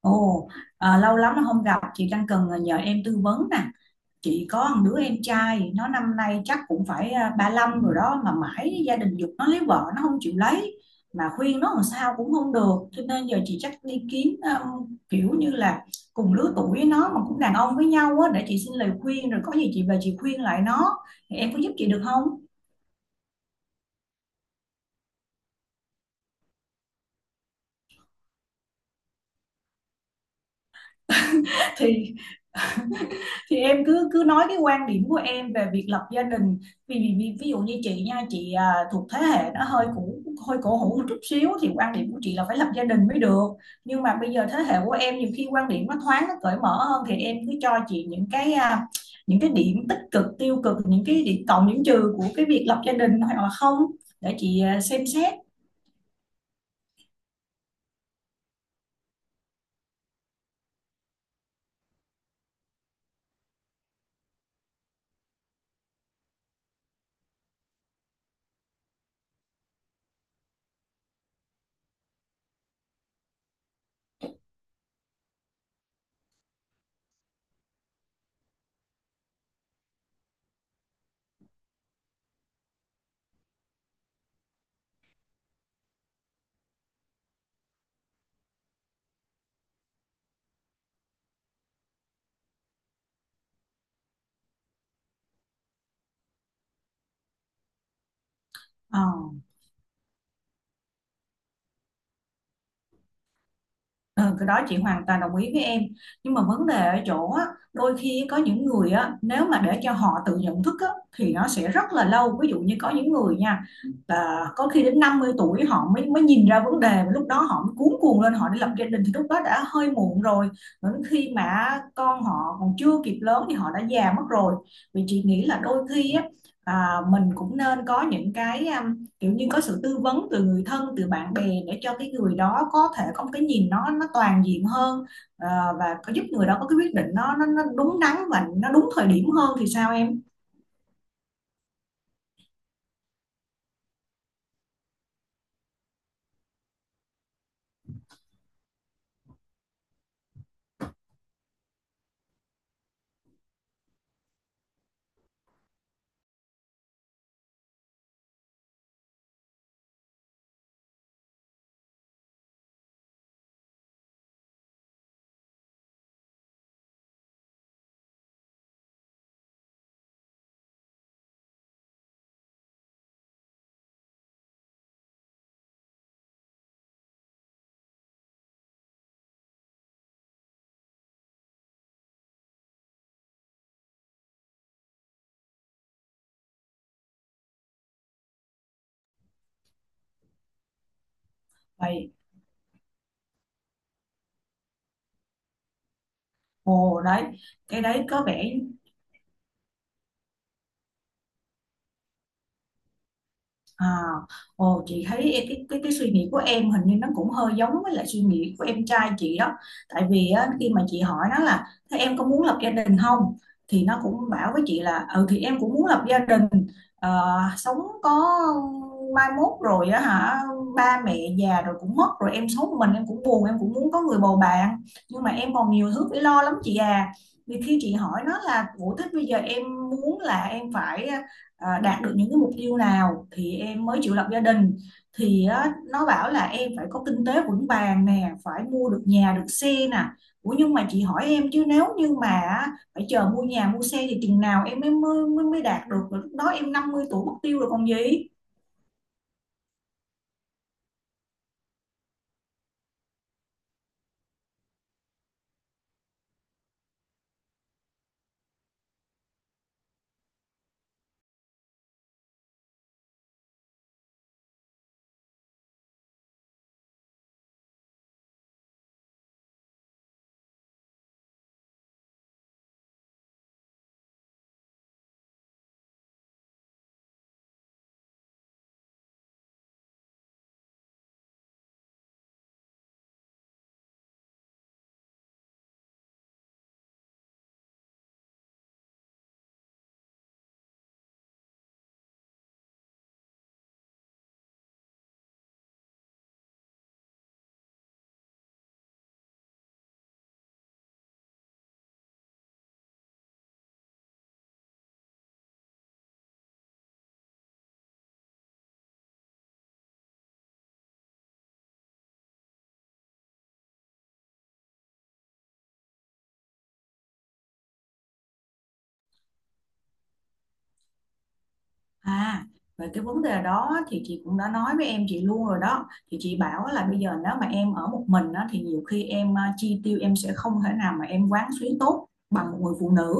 Ồ, lâu lắm là không gặp, chị đang cần nhờ em tư vấn nè. Chị có một đứa em trai, nó năm nay chắc cũng phải 35 rồi đó mà mãi gia đình giục nó lấy vợ nó không chịu lấy mà khuyên nó làm sao cũng không được. Cho nên giờ chị chắc đi kiếm kiểu như là cùng lứa tuổi với nó mà cũng đàn ông với nhau á, để chị xin lời khuyên rồi có gì chị về chị khuyên lại nó. Thì em có giúp chị được không? thì thì em cứ cứ nói cái quan điểm của em về việc lập gia đình, vì ví dụ như chị nha, chị thuộc thế hệ nó hơi cũ, hơi cổ hủ một chút xíu thì quan điểm của chị là phải lập gia đình mới được, nhưng mà bây giờ thế hệ của em nhiều khi quan điểm nó thoáng, nó cởi mở hơn thì em cứ cho chị những cái những cái điểm tích cực tiêu cực, những cái điểm cộng điểm trừ của cái việc lập gia đình hoặc là không, để chị xem xét. Ờ. Ừ, cái đó chị hoàn toàn đồng ý với em, nhưng mà vấn đề ở chỗ á, đôi khi có những người á, nếu mà để cho họ tự nhận thức á, thì nó sẽ rất là lâu, ví dụ như có những người nha, là có khi đến 50 tuổi họ mới mới nhìn ra vấn đề, và lúc đó họ mới cuống cuồng lên họ đi lập gia đình thì lúc đó đã hơi muộn rồi, đến khi mà con họ còn chưa kịp lớn thì họ đã già mất rồi. Vì chị nghĩ là đôi khi á, mình cũng nên có những cái kiểu như có sự tư vấn từ người thân, từ bạn bè để cho cái người đó có thể có một cái nhìn nó toàn diện hơn, ờ, và có giúp người đó có cái quyết định nó đúng đắn và nó đúng thời điểm hơn, thì sao em? Vậy. Ồ đấy, cái đấy có vẻ... À, ồ chị thấy cái cái suy nghĩ của em hình như nó cũng hơi giống với lại suy nghĩ của em trai chị đó. Tại vì á, khi mà chị hỏi nó là thế em có muốn lập gia đình không? Thì nó cũng bảo với chị là ừ thì em cũng muốn lập gia đình. Ờ, sống có mai mốt rồi á hả, ba mẹ già rồi cũng mất rồi em sống một mình em cũng buồn, em cũng muốn có người bầu bạn, nhưng mà em còn nhiều thứ phải lo lắm chị à. Vì khi chị hỏi nó là ủa thế bây giờ em muốn là em phải đạt được những cái mục tiêu nào thì em mới chịu lập gia đình, thì á, nó bảo là em phải có kinh tế vững vàng nè, phải mua được nhà được xe nè. Ủa nhưng mà chị hỏi em chứ nếu như mà á, phải chờ mua nhà mua xe thì chừng nào em mới mới mới đạt được, rồi lúc đó em 50 tuổi mất tiêu rồi còn gì. À, Về cái vấn đề đó thì chị cũng đã nói với em chị luôn rồi đó. Thì chị bảo là bây giờ nếu mà em ở một mình á, thì nhiều khi em chi tiêu em sẽ không thể nào mà em quán xuyến tốt bằng một người phụ nữ.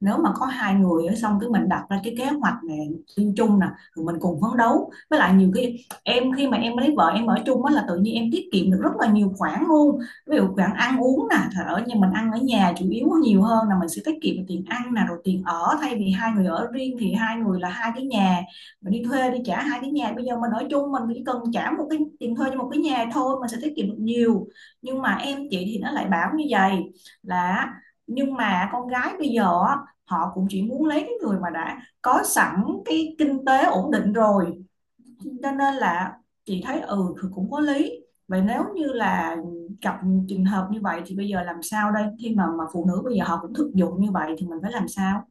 Nếu mà có hai người á, xong cái mình đặt ra cái kế hoạch này chung chung nè, rồi mình cùng phấn đấu. Với lại nhiều khi em, khi mà em lấy vợ em ở chung á là tự nhiên em tiết kiệm được rất là nhiều khoản luôn, ví dụ bạn ăn uống nè, thật ở nhà mình ăn ở nhà chủ yếu nhiều hơn là mình sẽ tiết kiệm được tiền ăn nè, rồi tiền ở, thay vì hai người ở riêng thì hai người là hai cái nhà, mình đi thuê đi trả hai cái nhà, bây giờ mình ở chung mình chỉ cần trả một cái tiền thuê cho một cái nhà thôi, mình sẽ tiết kiệm được nhiều. Nhưng mà em chị thì nó lại bảo như vậy, là nhưng mà con gái bây giờ á, họ cũng chỉ muốn lấy cái người mà đã có sẵn cái kinh tế ổn định rồi, cho nên là chị thấy ừ thì cũng có lý. Vậy nếu như là gặp trường hợp như vậy thì bây giờ làm sao đây, khi mà phụ nữ bây giờ họ cũng thực dụng như vậy thì mình phải làm sao?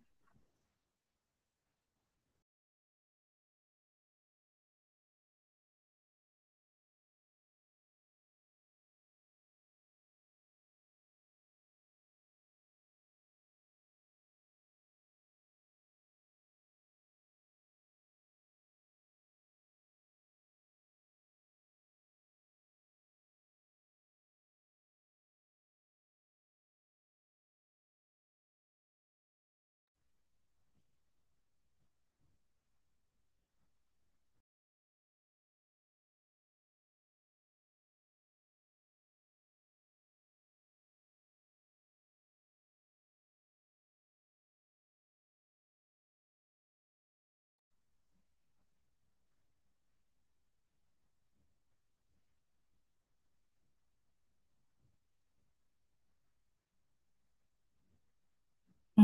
Ừ.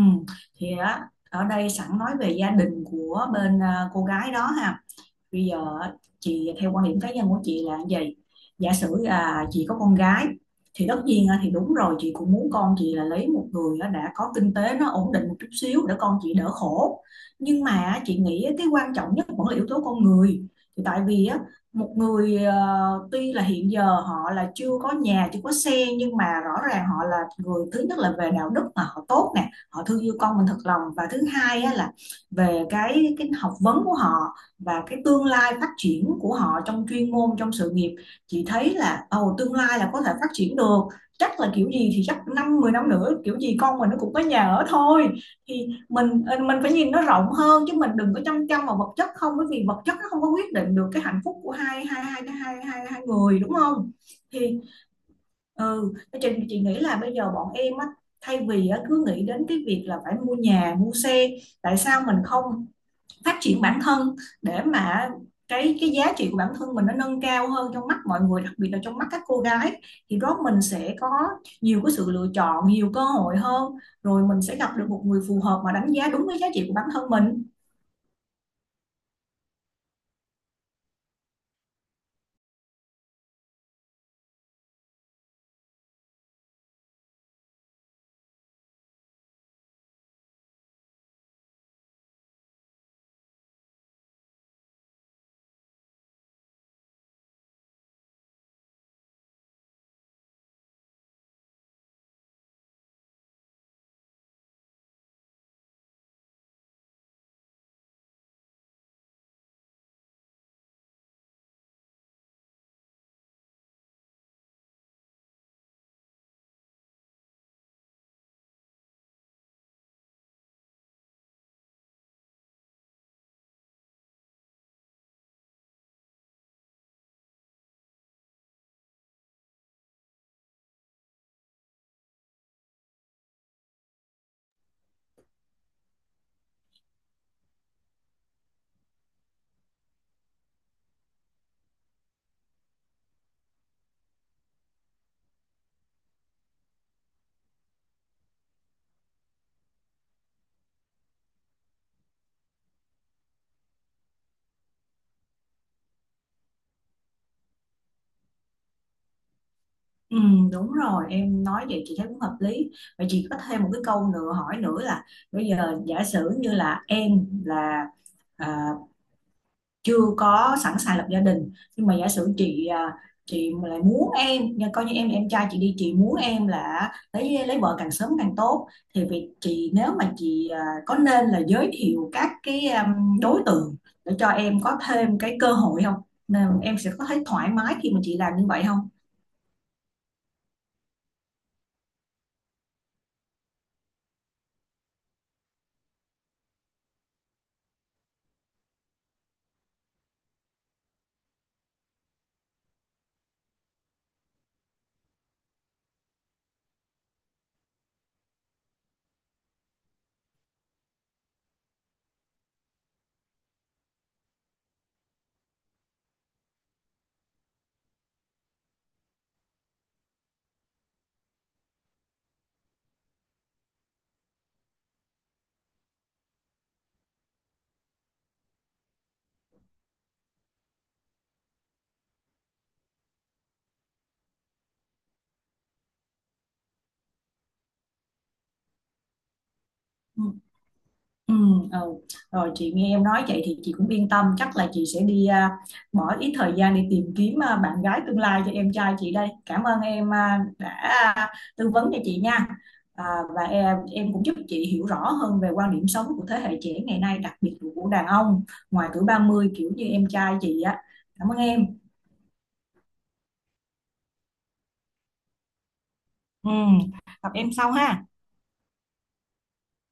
Thì á ở đây sẵn nói về gia đình của bên cô gái đó ha, bây giờ á, chị theo quan điểm cá nhân của chị là cái gì, giả sử là chị có con gái thì tất nhiên á, thì đúng rồi chị cũng muốn con chị là lấy một người á, đã có kinh tế nó ổn định một chút xíu để con chị đỡ khổ, nhưng mà á, chị nghĩ á, cái quan trọng nhất vẫn là yếu tố con người, thì tại vì á, một người tuy là hiện giờ họ là chưa có nhà chưa có xe, nhưng mà rõ ràng họ là người, thứ nhất là về đạo đức mà họ tốt nè, họ thương yêu con mình thật lòng, và thứ hai á, là về cái học vấn của họ và cái tương lai phát triển của họ trong chuyên môn, trong sự nghiệp, chị thấy là ồ tương lai là có thể phát triển được, chắc là kiểu gì thì chắc năm 10 năm nữa kiểu gì con mình nó cũng có nhà ở thôi. Thì mình mình phải nhìn nó rộng hơn chứ mình đừng có chăm chăm vào vật chất không, bởi vì vật chất nó không có quyết định được cái hạnh phúc của hai hai hai hai hai, hai người đúng không? Thì ừ, chị nghĩ là bây giờ bọn em á, thay vì á, cứ nghĩ đến cái việc là phải mua nhà mua xe, tại sao mình không phát triển bản thân để mà cái giá trị của bản thân mình nó nâng cao hơn trong mắt mọi người, đặc biệt là trong mắt các cô gái, thì đó mình sẽ có nhiều cái sự lựa chọn, nhiều cơ hội hơn, rồi mình sẽ gặp được một người phù hợp mà đánh giá đúng cái giá trị của bản thân mình. Ừ, đúng rồi em nói vậy chị thấy cũng hợp lý. Vậy chị có thêm một cái câu nữa, hỏi nữa là bây giờ giả sử như là em là à, chưa có sẵn sàng lập gia đình, nhưng mà giả sử chị chị mà lại muốn em nha, coi như em trai chị đi, chị muốn em là lấy vợ càng sớm càng tốt, thì việc chị nếu mà chị có nên là giới thiệu các cái đối tượng để cho em có thêm cái cơ hội không, nên em sẽ có thấy thoải mái khi mà chị làm như vậy không? Ừ. Ừ, ừ. Rồi chị nghe em nói vậy thì chị cũng yên tâm, chắc là chị sẽ đi bỏ ít thời gian để tìm kiếm bạn gái tương lai cho em trai chị đây. Cảm ơn em đã tư vấn cho chị nha, à, và em cũng giúp chị hiểu rõ hơn về quan điểm sống của thế hệ trẻ ngày nay, đặc biệt là của đàn ông ngoài tuổi 30 kiểu như em trai chị á, cảm ơn em. Ừ, gặp em sau ha.